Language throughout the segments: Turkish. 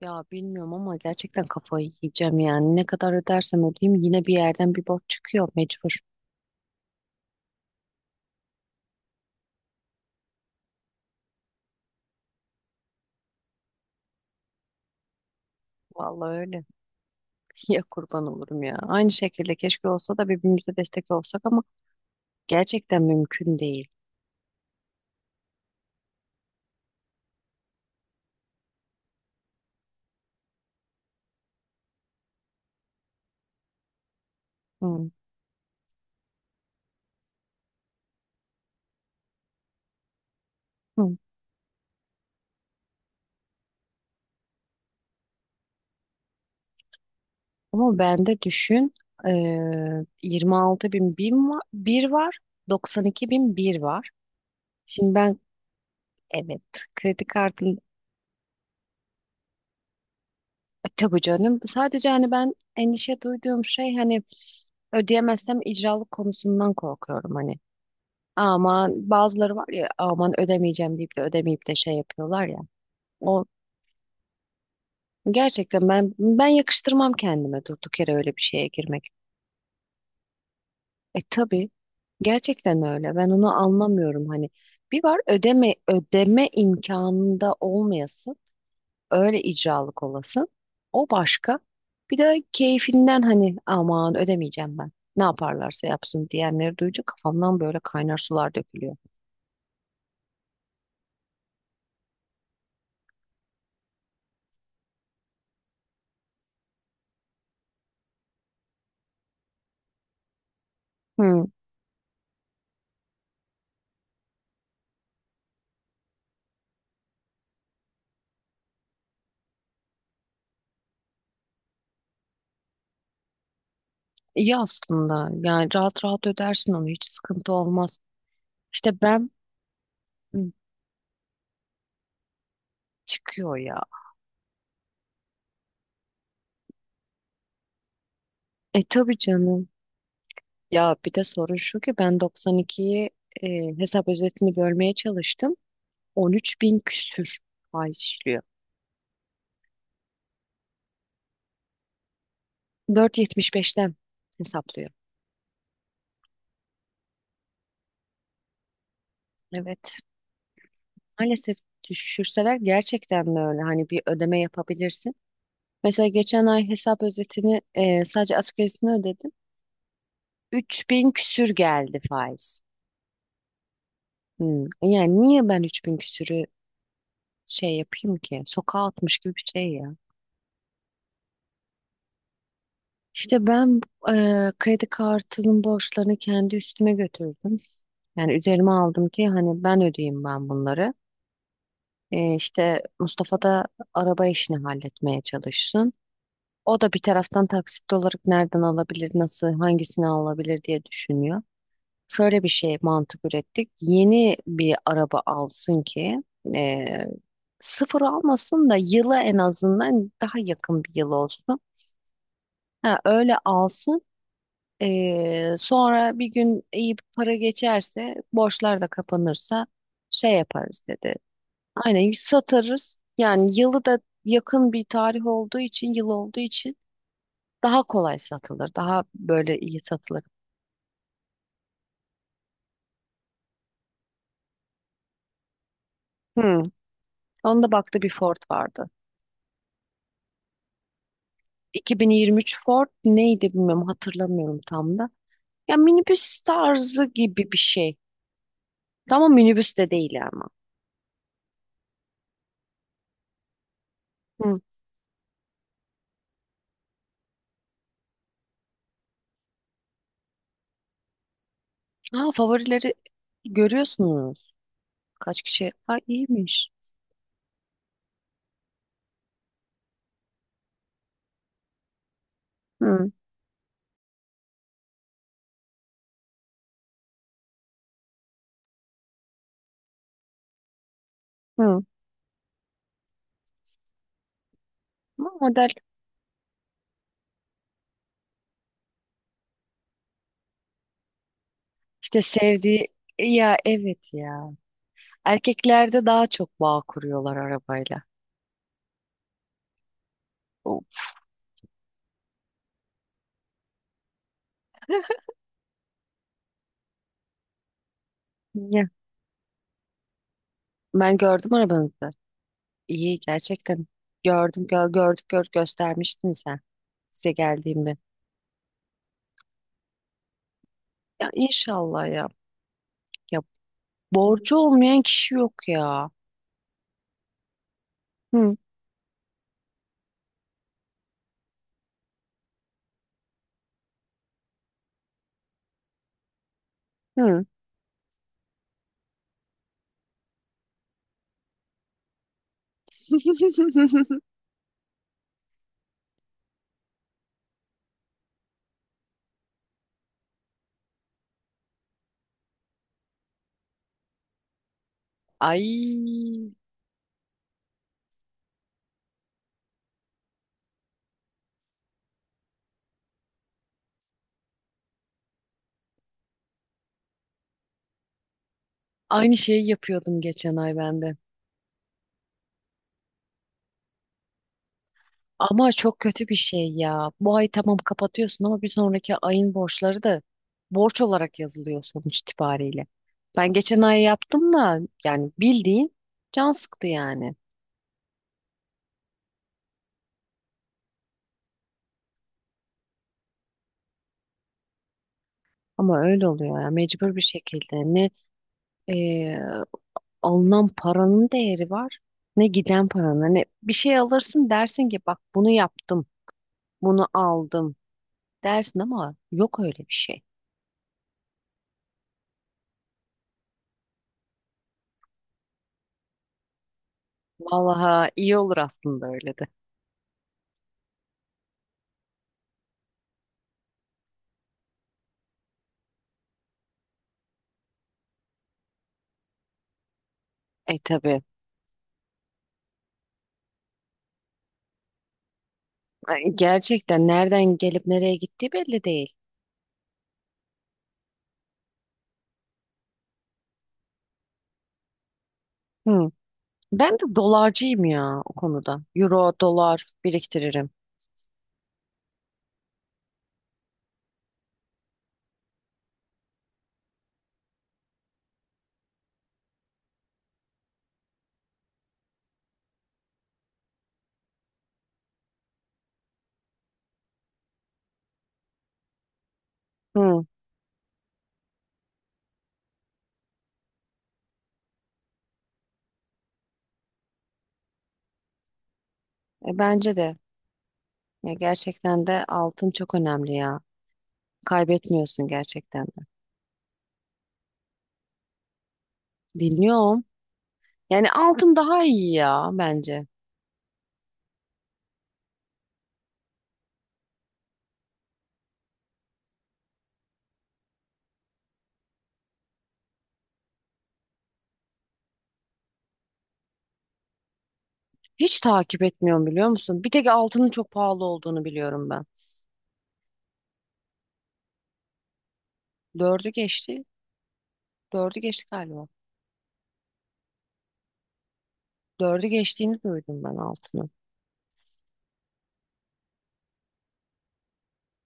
Ya bilmiyorum ama gerçekten kafayı yiyeceğim yani. Ne kadar ödersem ödeyeyim yine bir yerden bir borç çıkıyor mecbur. Vallahi öyle. Ya kurban olurum ya. Aynı şekilde keşke olsa da birbirimize destek olsak ama gerçekten mümkün değil. Hı, hı. Ama bende düşün, 26 bin bir var, 92 bin bir var. Şimdi ben, evet, kredi kartı. E, tabii canım. Sadece hani ben endişe duyduğum şey, hani ödeyemezsem icralık konusundan korkuyorum hani. Aman bazıları var ya, aman ödemeyeceğim deyip de ödemeyip de şey yapıyorlar ya. O gerçekten, ben yakıştırmam kendime durduk yere öyle bir şeye girmek. E tabii, gerçekten öyle. Ben onu anlamıyorum hani. Bir var ödeme, ödeme imkanında olmayası. Öyle icralık olasın. O başka. Bir de keyfinden hani, aman ödemeyeceğim ben. Ne yaparlarsa yapsın diyenleri duyunca kafamdan böyle kaynar sular dökülüyor. Hı, iyi aslında. Yani rahat rahat ödersin onu. Hiç sıkıntı olmaz. İşte ben. Hı, çıkıyor ya. E tabii canım. Ya bir de sorun şu ki, ben 92'yi, e, hesap özetini bölmeye çalıştım. 13 bin küsür ay işliyor. 4,75'ten hesaplıyor. Evet. Maalesef düşürseler gerçekten de öyle. Hani bir ödeme yapabilirsin. Mesela geçen ay hesap özetini, sadece asgarisini ödedim. Üç bin küsür geldi faiz. Hmm. Yani niye ben 3000 küsürü şey yapayım ki? Sokağa atmış gibi bir şey ya. İşte ben, e, kredi kartının borçlarını kendi üstüme götürdüm. Yani üzerime aldım ki hani ben ödeyeyim, ben bunları. E, işte Mustafa da araba işini halletmeye çalışsın. O da bir taraftan taksit olarak nereden alabilir, nasıl, hangisini alabilir diye düşünüyor. Şöyle bir şey mantık ürettik. Yeni bir araba alsın ki, e, sıfır almasın da yıla en azından daha yakın bir yıl olsun. Ha, öyle alsın. E, sonra bir gün iyi bir para geçerse, borçlar da kapanırsa şey yaparız dedi. Aynen satarız. Yani yılı da yakın bir tarih olduğu için, yıl olduğu için daha kolay satılır. Daha böyle iyi satılır. Hmm. Onda baktı, bir Ford vardı. 2023 Ford neydi bilmiyorum, hatırlamıyorum tam da. Ya minibüs tarzı gibi bir şey. Ama minibüs de değil ama. Hı. Ha, favorileri görüyorsunuz. Kaç kişi? Ha, iyiymiş. Hı, hı. Ama model işte, sevdiği ya, evet ya. Erkeklerde daha çok bağ kuruyorlar arabayla. O- Ya, ben gördüm arabanızı. İyi gerçekten. Gördüm, gördük, göstermiştin sen, size geldiğimde. Ya inşallah ya. Ya, borcu olmayan kişi yok ya. Hı, hı. Ay, aynı şeyi yapıyordum geçen ay ben de. Ama çok kötü bir şey ya. Bu ay tamam kapatıyorsun ama bir sonraki ayın borçları da borç olarak yazılıyor sonuç itibariyle. Ben geçen ay yaptım da, yani bildiğin can sıktı yani. Ama öyle oluyor ya, mecbur bir şekilde. Ne, e, alınan paranın değeri var, ne giden paranın. Hani bir şey alırsın, dersin ki bak bunu yaptım, bunu aldım dersin ama yok öyle bir şey. Vallahi iyi olur aslında öyle de. E tabii. Ay, gerçekten nereden gelip nereye gittiği belli değil. Hı. Ben de dolarcıyım ya o konuda. Euro, dolar biriktiririm. Hı. E, bence de. Ya gerçekten de altın çok önemli ya. Kaybetmiyorsun gerçekten de. Dinliyorum. Yani altın daha iyi ya bence. Hiç takip etmiyorum biliyor musun? Bir tek altının çok pahalı olduğunu biliyorum ben. Dördü geçti. Dördü geçti galiba. Dördü geçtiğini duydum ben, altının.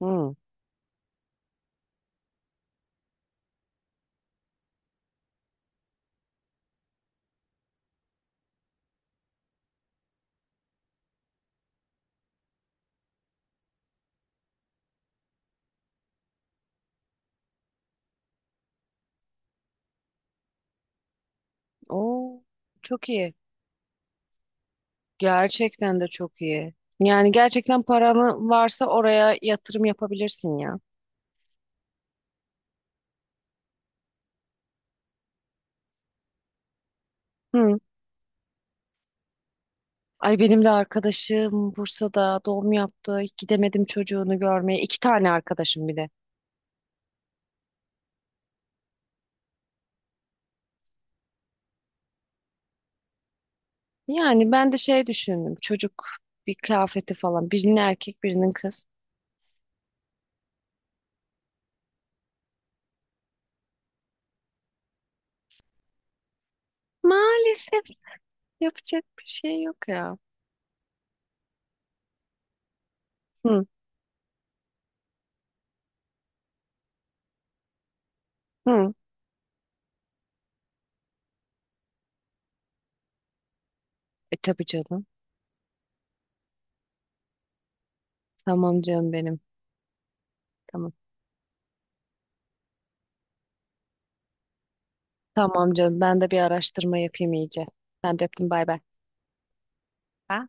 Hı. Oo, çok iyi. Gerçekten de çok iyi. Yani gerçekten paranı varsa oraya yatırım yapabilirsin ya. Hı. Ay, benim de arkadaşım Bursa'da doğum yaptı. Gidemedim çocuğunu görmeye. İki tane arkadaşım bir de. Yani ben de şey düşündüm. Çocuk bir kıyafeti falan. Birinin erkek, birinin kız. Maalesef yapacak bir şey yok ya. Hı, hı. E tabii canım. Tamam canım benim. Tamam. Tamam canım. Ben de bir araştırma yapayım iyice. Ben de öptüm. Bay bay. Bye.